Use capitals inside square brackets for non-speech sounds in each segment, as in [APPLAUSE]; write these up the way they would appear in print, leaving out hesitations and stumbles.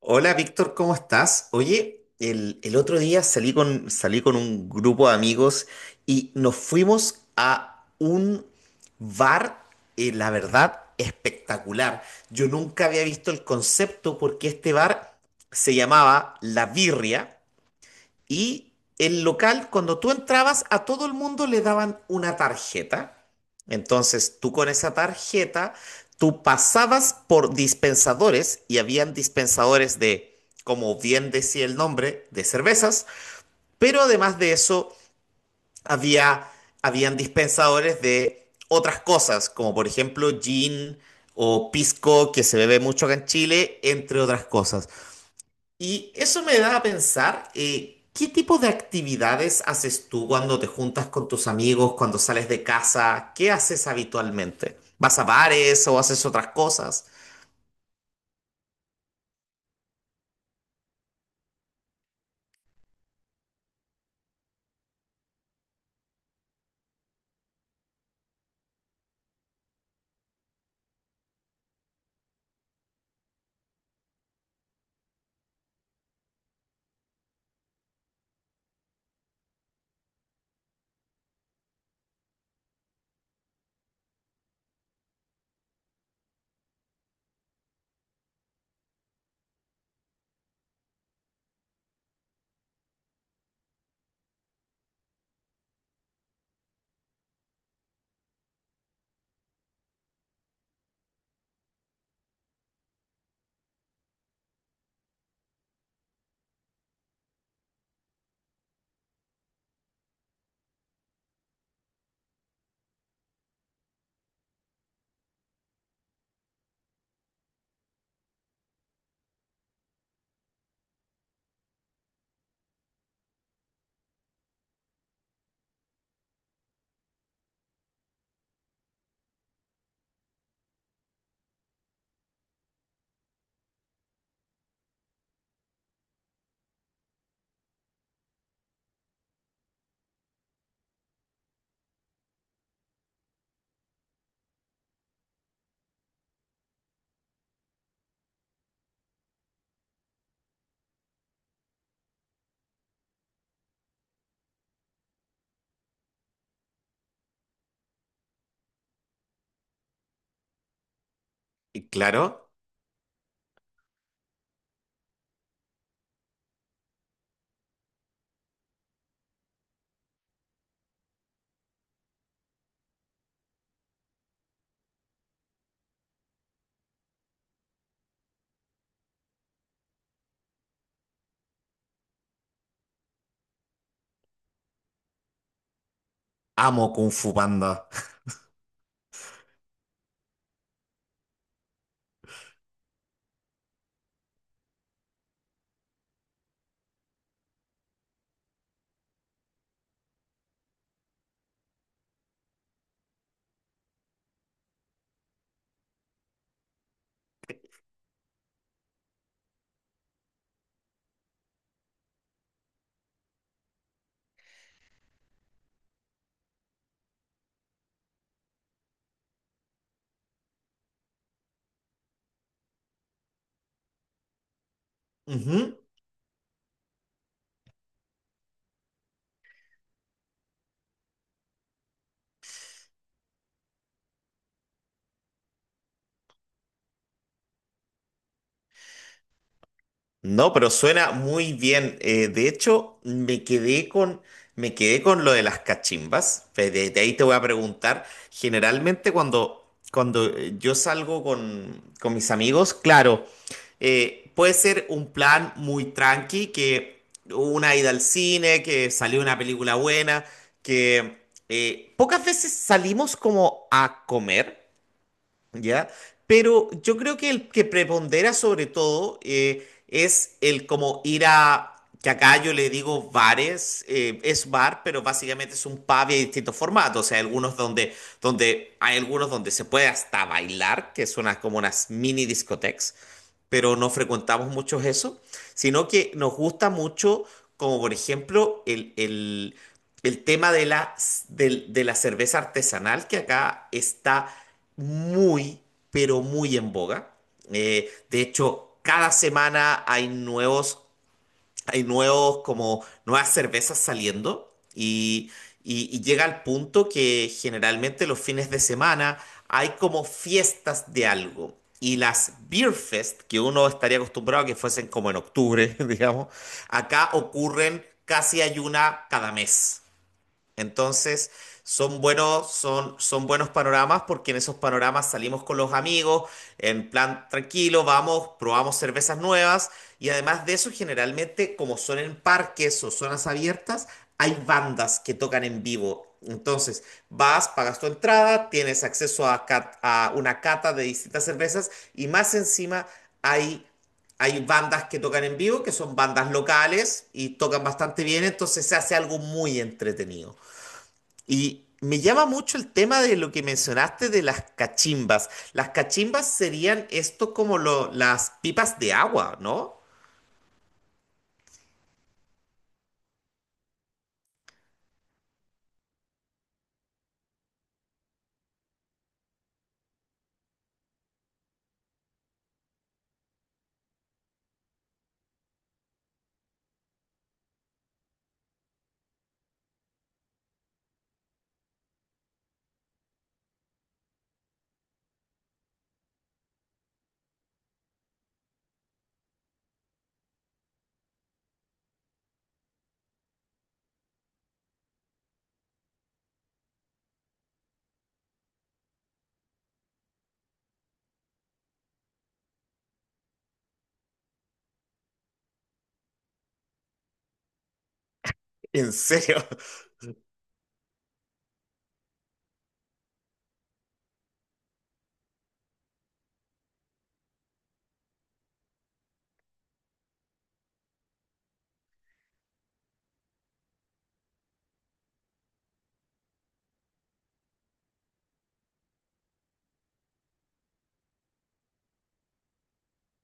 Hola Víctor, ¿cómo estás? Oye, el otro día salí con un grupo de amigos y nos fuimos a un bar, la verdad, espectacular. Yo nunca había visto el concepto porque este bar se llamaba La Birria y el local, cuando tú entrabas, a todo el mundo le daban una tarjeta. Entonces, tú con esa tarjeta, tú pasabas por dispensadores y habían dispensadores de, como bien decía el nombre, de cervezas, pero además de eso, había, habían dispensadores de otras cosas, como por ejemplo gin o pisco, que se bebe mucho acá en Chile, entre otras cosas. Y eso me da a pensar, ¿qué tipo de actividades haces tú cuando te juntas con tus amigos, cuando sales de casa? ¿Qué haces habitualmente? ¿Vas a bares o haces otras cosas? Y claro, amo Kung Fu Panda. No, pero suena muy bien. De hecho, me quedé con lo de las cachimbas. De ahí te voy a preguntar. Generalmente cuando yo salgo con mis amigos, claro, puede ser un plan muy tranqui, que una ida al cine, que salió una película buena, que pocas veces salimos como a comer. ¿Ya? Pero yo creo que el que prepondera sobre todo es el como ir a, que acá yo le digo bares, es bar, pero básicamente es un pub y hay distintos formatos, o sea, hay algunos hay algunos donde se puede hasta bailar, que son como unas mini discotecas, pero no frecuentamos muchos eso, sino que nos gusta mucho, como por ejemplo, el tema de de la cerveza artesanal, que acá está muy, pero muy en boga. De hecho, cada semana hay nuevos, como nuevas cervezas saliendo y, y llega al punto que generalmente los fines de semana hay como fiestas de algo. Y las Beer Fest, que uno estaría acostumbrado a que fuesen como en octubre, [LAUGHS] digamos, acá ocurren, casi hay una cada mes. Entonces, son buenos panoramas porque en esos panoramas salimos con los amigos, en plan tranquilo, vamos, probamos cervezas nuevas, y además de eso, generalmente, como son en parques o zonas abiertas, hay bandas que tocan en vivo. Entonces, vas, pagas tu entrada, tienes acceso a, a una cata de distintas cervezas y más encima hay... Hay bandas que tocan en vivo, que son bandas locales y tocan bastante bien, entonces se hace algo muy entretenido. Y me llama mucho el tema de lo que mencionaste de las cachimbas. Las cachimbas serían esto como las pipas de agua, ¿no? En serio. [LAUGHS]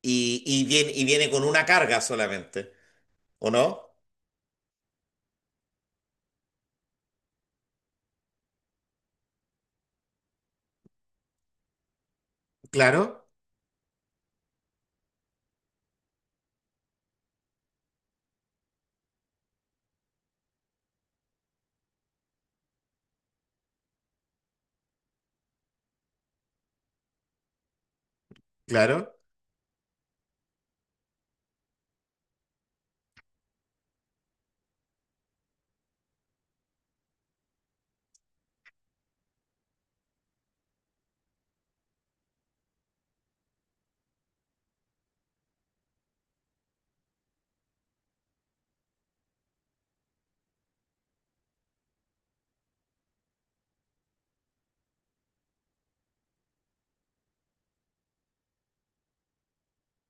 Y, y viene con una carga solamente, ¿o no? Claro, claro.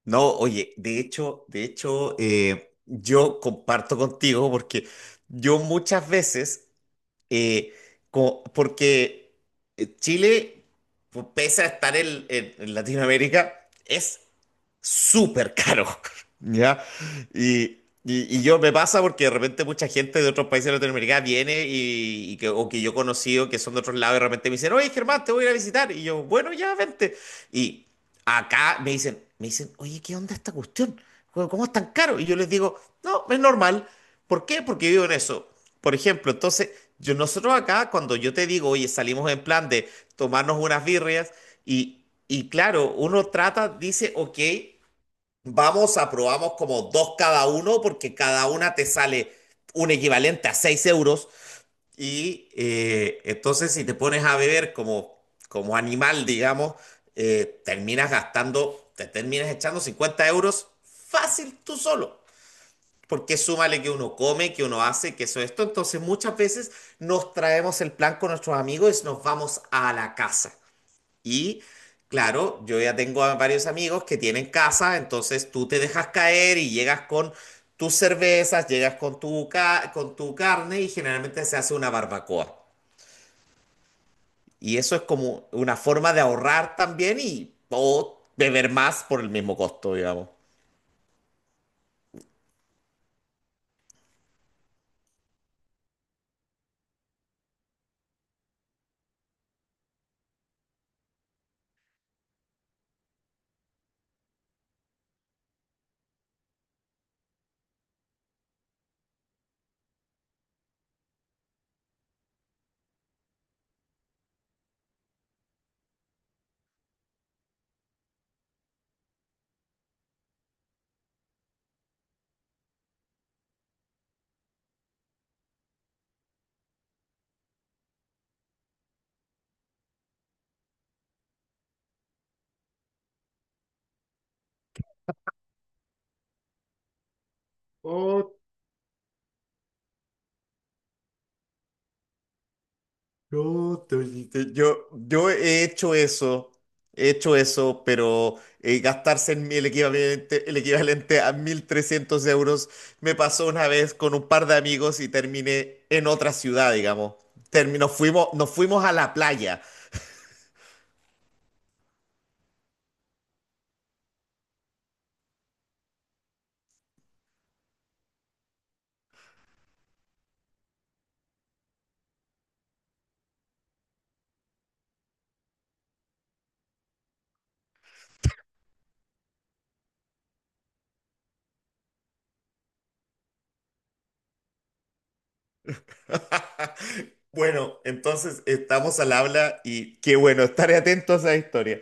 No, oye, de hecho, yo comparto contigo porque yo muchas veces, eh, porque Chile, pues, pese a estar en en Latinoamérica, es súper caro. [LAUGHS] ¿Ya? Y, y yo me pasa porque de repente mucha gente de otros países de Latinoamérica viene y que, o que yo he conocido que son de otros lados y de repente me dicen, oye Germán, te voy a ir a visitar. Y yo, bueno, ya vente. Y acá me dicen, oye, ¿qué onda esta cuestión? Cómo es tan caro? Y yo les digo, no, es normal. ¿Por qué? Porque vivo en eso. Por ejemplo, entonces, nosotros acá, cuando yo te digo, oye, salimos en plan de tomarnos unas birrias, y claro, uno trata, dice, ok, vamos, aprobamos como dos cada uno, porque cada una te sale un equivalente a 6 euros. Y entonces si te pones a beber como, como animal, digamos, te terminas echando 50 euros fácil tú solo. Porque súmale que uno come, que uno hace, que eso, esto. Entonces muchas veces nos traemos el plan con nuestros amigos y nos vamos a la casa. Y claro, yo ya tengo a varios amigos que tienen casa, entonces tú te dejas caer y llegas con tus cervezas, llegas con con tu carne y generalmente se hace una barbacoa. Y eso es como una forma de ahorrar también y o beber más por el mismo costo, digamos. Yo, te- te- yo he hecho eso, he hecho eso, pero gastarse en mí el equivalente a 1300 euros me pasó una vez con un par de amigos y terminé en otra ciudad, digamos. Nos fuimos a la playa. [LAUGHS] Bueno, entonces estamos al habla y qué bueno, estaré atento a esa historia.